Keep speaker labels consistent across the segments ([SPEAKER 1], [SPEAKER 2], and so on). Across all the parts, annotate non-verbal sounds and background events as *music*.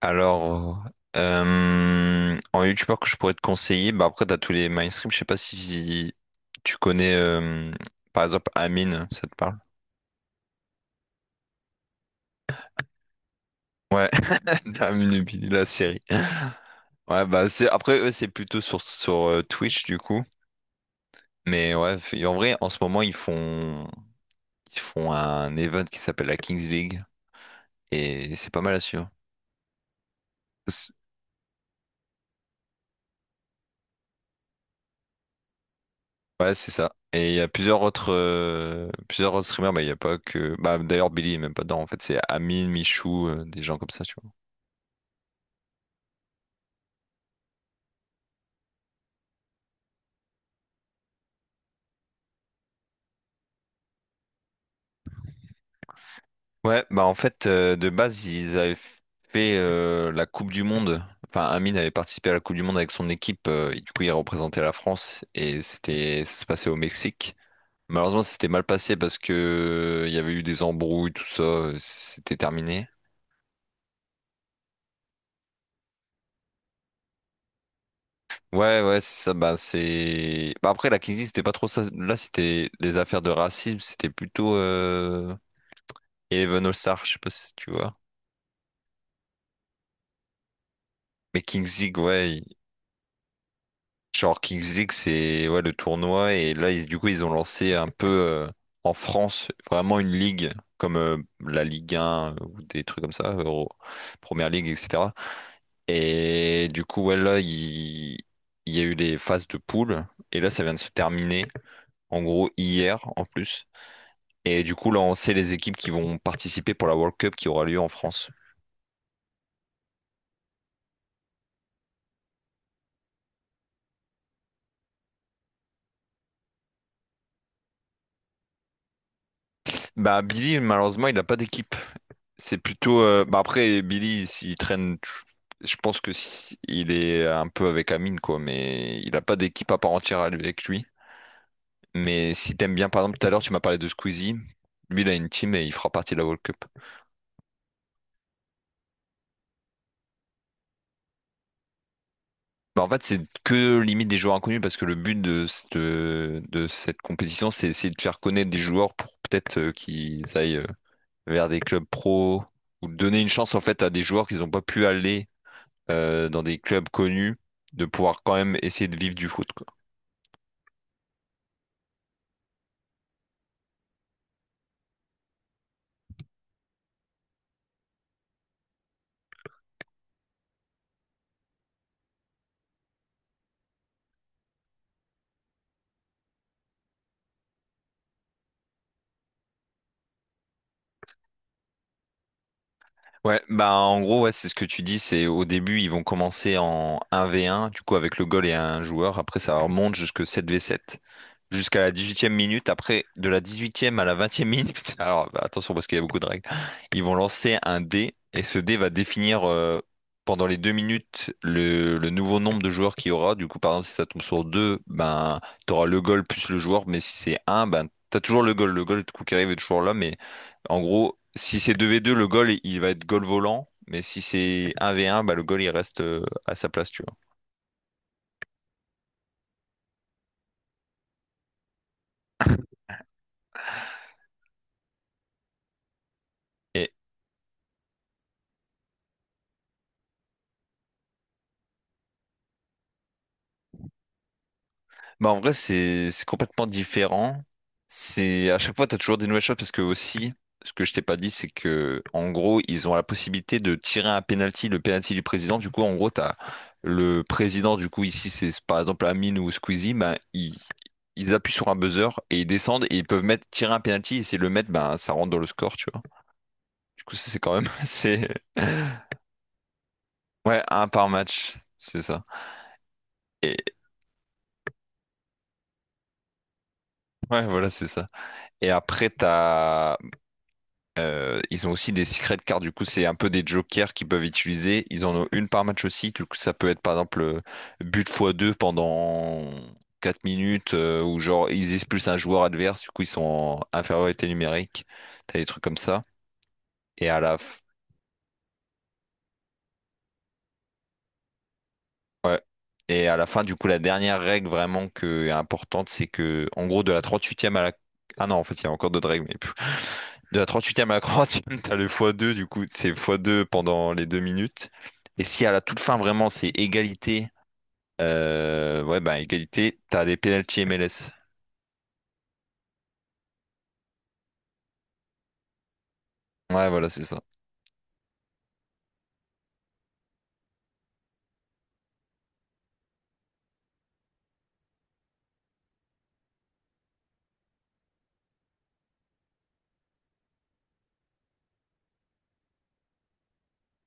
[SPEAKER 1] Alors, en youtubeur que je pourrais te conseiller, bah après, t'as tous les mainstream. Je sais pas si tu connais, par exemple, Amine, ça te parle? Ouais, *laughs* Amine et Billy, la série. Ouais, bah c'est après, eux, c'est plutôt sur Twitch, du coup. Mais ouais, en vrai, en ce moment, ils font un event qui s'appelle la Kings League. Et c'est pas mal à suivre. Ouais, c'est ça. Et il y a plusieurs autres streamers, bah, il y a pas que... Bah, d'ailleurs, Billy est même pas dedans, en fait. C'est Amine, Michou, des gens comme ça, tu vois. Ouais, bah en fait, de base, ils avaient fait la Coupe du Monde. Enfin, Amine avait participé à la Coupe du Monde avec son équipe. Et du coup, il représentait la France et c'était, ça se passait au Mexique. Malheureusement, c'était mal passé parce que il y avait eu des embrouilles, tout ça. C'était terminé. Ouais, ouais, c'est ça. Bah, c'est. Bah, après, la Kingsley, c'était pas trop ça. Là, c'était des affaires de racisme. C'était plutôt Eleven All-Star, je sais pas si tu vois. Mais Kings League, ouais. Genre, Kings League, c'est ouais, le tournoi. Et là, du coup, ils ont lancé un peu en France, vraiment une ligue, comme la Ligue 1 ou des trucs comme ça, Première Ligue, etc. Et du coup, ouais, là, il y a eu les phases de poule. Et là, ça vient de se terminer, en gros, hier, en plus. Et du coup, là, on sait les équipes qui vont participer pour la World Cup qui aura lieu en France. Bah, Billy, malheureusement, il n'a pas d'équipe. C'est plutôt. Bah, après, Billy, s'il traîne, je pense que il est un peu avec Amine, quoi, mais il n'a pas d'équipe à part entière avec lui. Mais si t'aimes bien, par exemple, tout à l'heure, tu m'as parlé de Squeezie. Lui, il a une team et il fera partie de la World Cup. Bah, en fait, c'est que limite des joueurs inconnus parce que le but de cette compétition, c'est essayer de faire connaître des joueurs pour peut-être qu'ils aillent. Vers des clubs pro ou de donner une chance en fait à des joueurs qui n'ont pas pu aller dans des clubs connus, de pouvoir quand même essayer de vivre du foot, quoi. Ouais, bah en gros, ouais, c'est ce que tu dis, c'est au début, ils vont commencer en 1v1, du coup avec le goal et un joueur, après ça remonte jusque 7v7. Jusqu'à la 18e minute. Après, de la 18e à la 20e minute, *laughs* alors bah, attention parce qu'il y a beaucoup de règles, ils vont lancer un dé et ce dé va définir pendant les 2 minutes le nouveau nombre de joueurs qu'il y aura. Du coup, par exemple, si ça tombe sur deux, ben, tu auras le goal plus le joueur, mais si c'est un, ben, tu as toujours le goal. Le goal, du coup, qui arrive est toujours là, mais en gros, si c'est deux v deux le goal, il va être goal volant. Mais si c'est un v un bah, le goal, il reste à sa place, tu vois. Et, Bah en vrai c'est complètement différent. C'est à chaque fois t'as toujours des nouvelles choses parce que aussi ce que je t'ai pas dit c'est que en gros ils ont la possibilité de tirer un penalty, le penalty du président. Du coup en gros t'as le président du coup ici c'est par exemple Amine ou Squeezie, ben ils appuient sur un buzzer et ils descendent et ils peuvent mettre tirer un penalty et s'ils le mettent ben ça rentre dans le score tu vois. Du coup ça c'est quand même *laughs* c'est ouais un par match c'est ça. Et ouais voilà c'est ça. Et après, t'as ils ont aussi des secret cards, du coup, c'est un peu des jokers qu'ils peuvent utiliser. Ils en ont une par match aussi, du coup, ça peut être par exemple but fois 2 pendant 4 minutes, ou genre ils expulsent un joueur adverse, du coup, ils sont en infériorité numérique. T'as des trucs comme ça. Et à la, f- ouais. Et à la fin, du coup, la dernière règle vraiment que, importante, c'est que, en gros, de la 38e à la. Ah non, en fait, il y a encore d'autres règles, mais de la 38e à la 40 t'as le x2, du coup, c'est x2 pendant les 2 minutes. Et si à la toute fin, vraiment, c'est égalité, ouais, bah, égalité, t'as des pénalties MLS. Ouais, voilà, c'est ça.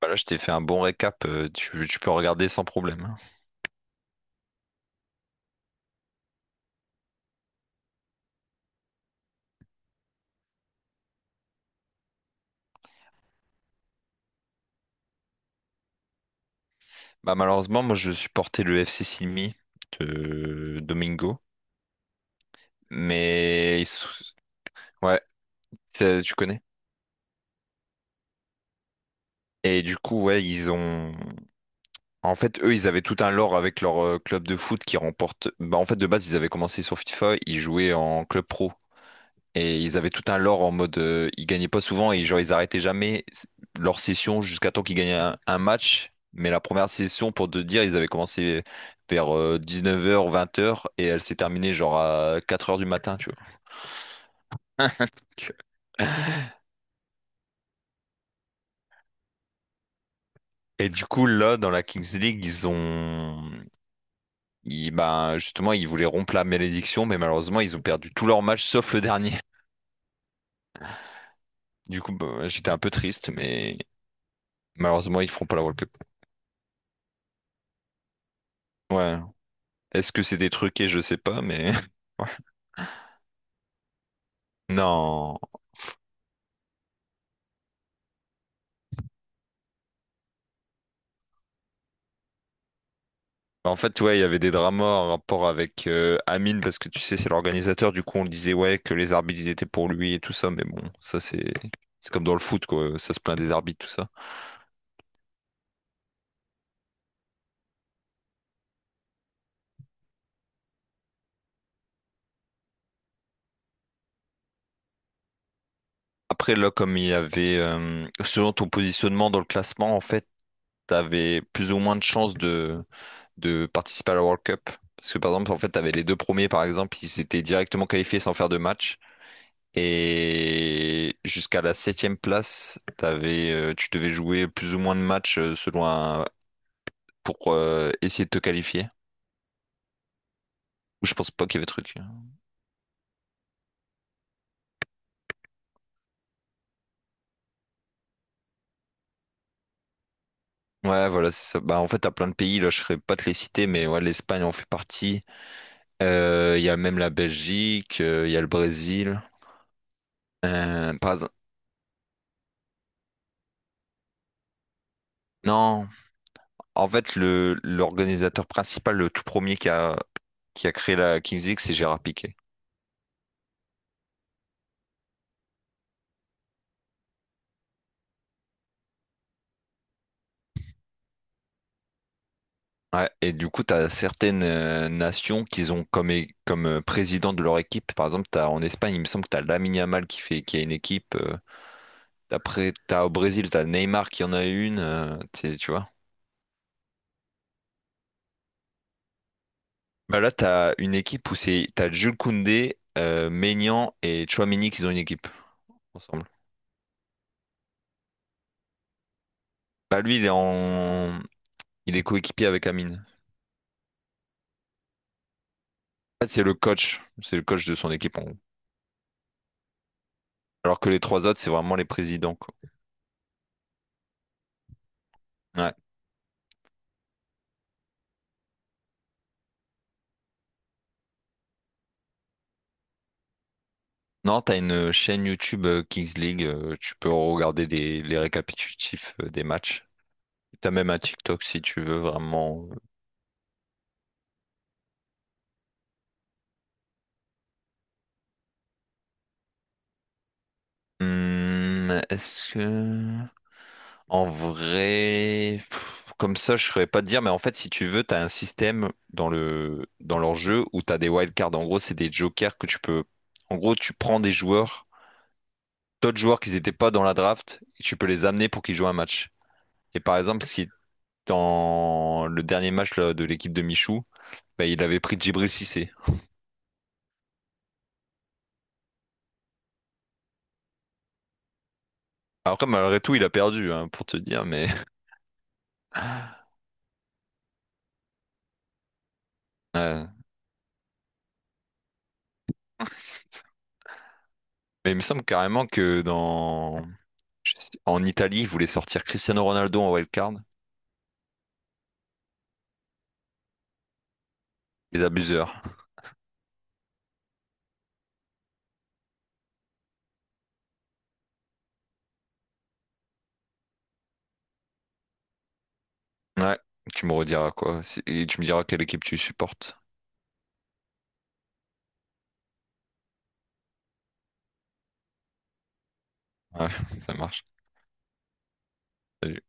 [SPEAKER 1] Bah là, je t'ai fait un bon récap, tu peux regarder sans problème. Hein. Bah, malheureusement, moi, je supportais le FC Silmi de Domingo, mais ouais, tu connais. Et du coup, ouais, ils ont en fait, eux, ils avaient tout un lore avec leur club de foot qui remporte. Bah, en fait, de base, ils avaient commencé sur FIFA, ils jouaient en club pro. Et ils avaient tout un lore en mode. Ils gagnaient pas souvent et genre, ils arrêtaient jamais leur session jusqu'à temps qu'ils gagnaient un match. Mais la première session, pour te dire, ils avaient commencé vers 19h, 20h et elle s'est terminée genre à 4h du matin, tu vois. *laughs* Et du coup, là, dans la Kings League, ben, justement, ils voulaient rompre la malédiction, mais malheureusement, ils ont perdu tous leurs matchs sauf le dernier. Du coup, bah, ouais, j'étais un peu triste, mais malheureusement, ils feront pas la World Cup. Ouais. Est-ce que c'est des truqués, je sais pas, mais. *laughs* Ouais. Non. En fait, ouais, il y avait des dramas en rapport avec Amine, parce que tu sais, c'est l'organisateur. Du coup, on disait, ouais, que les arbitres, ils étaient pour lui et tout ça. Mais bon, ça, c'est. C'est comme dans le foot, quoi. Ça se plaint des arbitres, tout ça. Après, là, comme il y avait. Selon ton positionnement dans le classement, en fait, t'avais plus ou moins de chances de participer à la World Cup. Parce que par exemple, en fait, t'avais les deux premiers, par exemple, ils s'étaient directement qualifiés sans faire de match. Et jusqu'à la septième place, t'avais, tu devais jouer plus ou moins de matchs selon un, pour essayer de te qualifier. Ou je pense pas qu'il y avait truc. Hein. Ouais, voilà, c'est ça. Bah, en fait, t'as plein de pays, là, je serais pas te les citer, mais ouais, l'Espagne en fait partie. Il y a même la Belgique, il y a le Brésil. Euh, par exemple- non, en fait, le l'organisateur principal, le tout premier qui a créé la Kings League, c'est Gérard Piquet. Ouais, et du coup, tu as certaines nations qui ont comme, comme président de leur équipe. Par exemple, t'as, en Espagne, il me semble que tu as Lamine Yamal qui fait, qui a une équipe. Après, tu as au Brésil, tu as Neymar qui en a une. Tu vois. Bah là, tu as une équipe où c'est, tu as Jules Koundé, Maignan et Tchouaméni qui ont une équipe ensemble. Bah lui, il est coéquipier avec Amine. En fait, c'est le coach. C'est le coach de son équipe, en gros. Alors que les trois autres, c'est vraiment les présidents, quoi. Ouais. Non, t'as une chaîne YouTube Kings League, tu peux regarder les récapitulatifs des matchs. T'as même un TikTok si tu veux vraiment. Est-ce que... En vrai... pff, comme ça, je saurais pas te dire, mais en fait, si tu veux, t'as un système dans leur jeu où t'as des wildcards. En gros, c'est des jokers que tu peux... En gros, tu prends des joueurs, d'autres joueurs qui n'étaient pas dans la draft, et tu peux les amener pour qu'ils jouent un match. Et par exemple, si dans le dernier match là, de l'équipe de Michou, bah, il avait pris Djibril Cissé. Après, malgré tout, il a perdu, hein, pour te dire, mais... *laughs* Euh, Mais il me semble carrément que dans... en Italie, ils voulaient sortir Cristiano Ronaldo en wildcard. Les abuseurs. Ouais, tu me rediras quoi. Et tu me diras quelle équipe tu supportes. Ouais, *laughs* ça marche. Salut.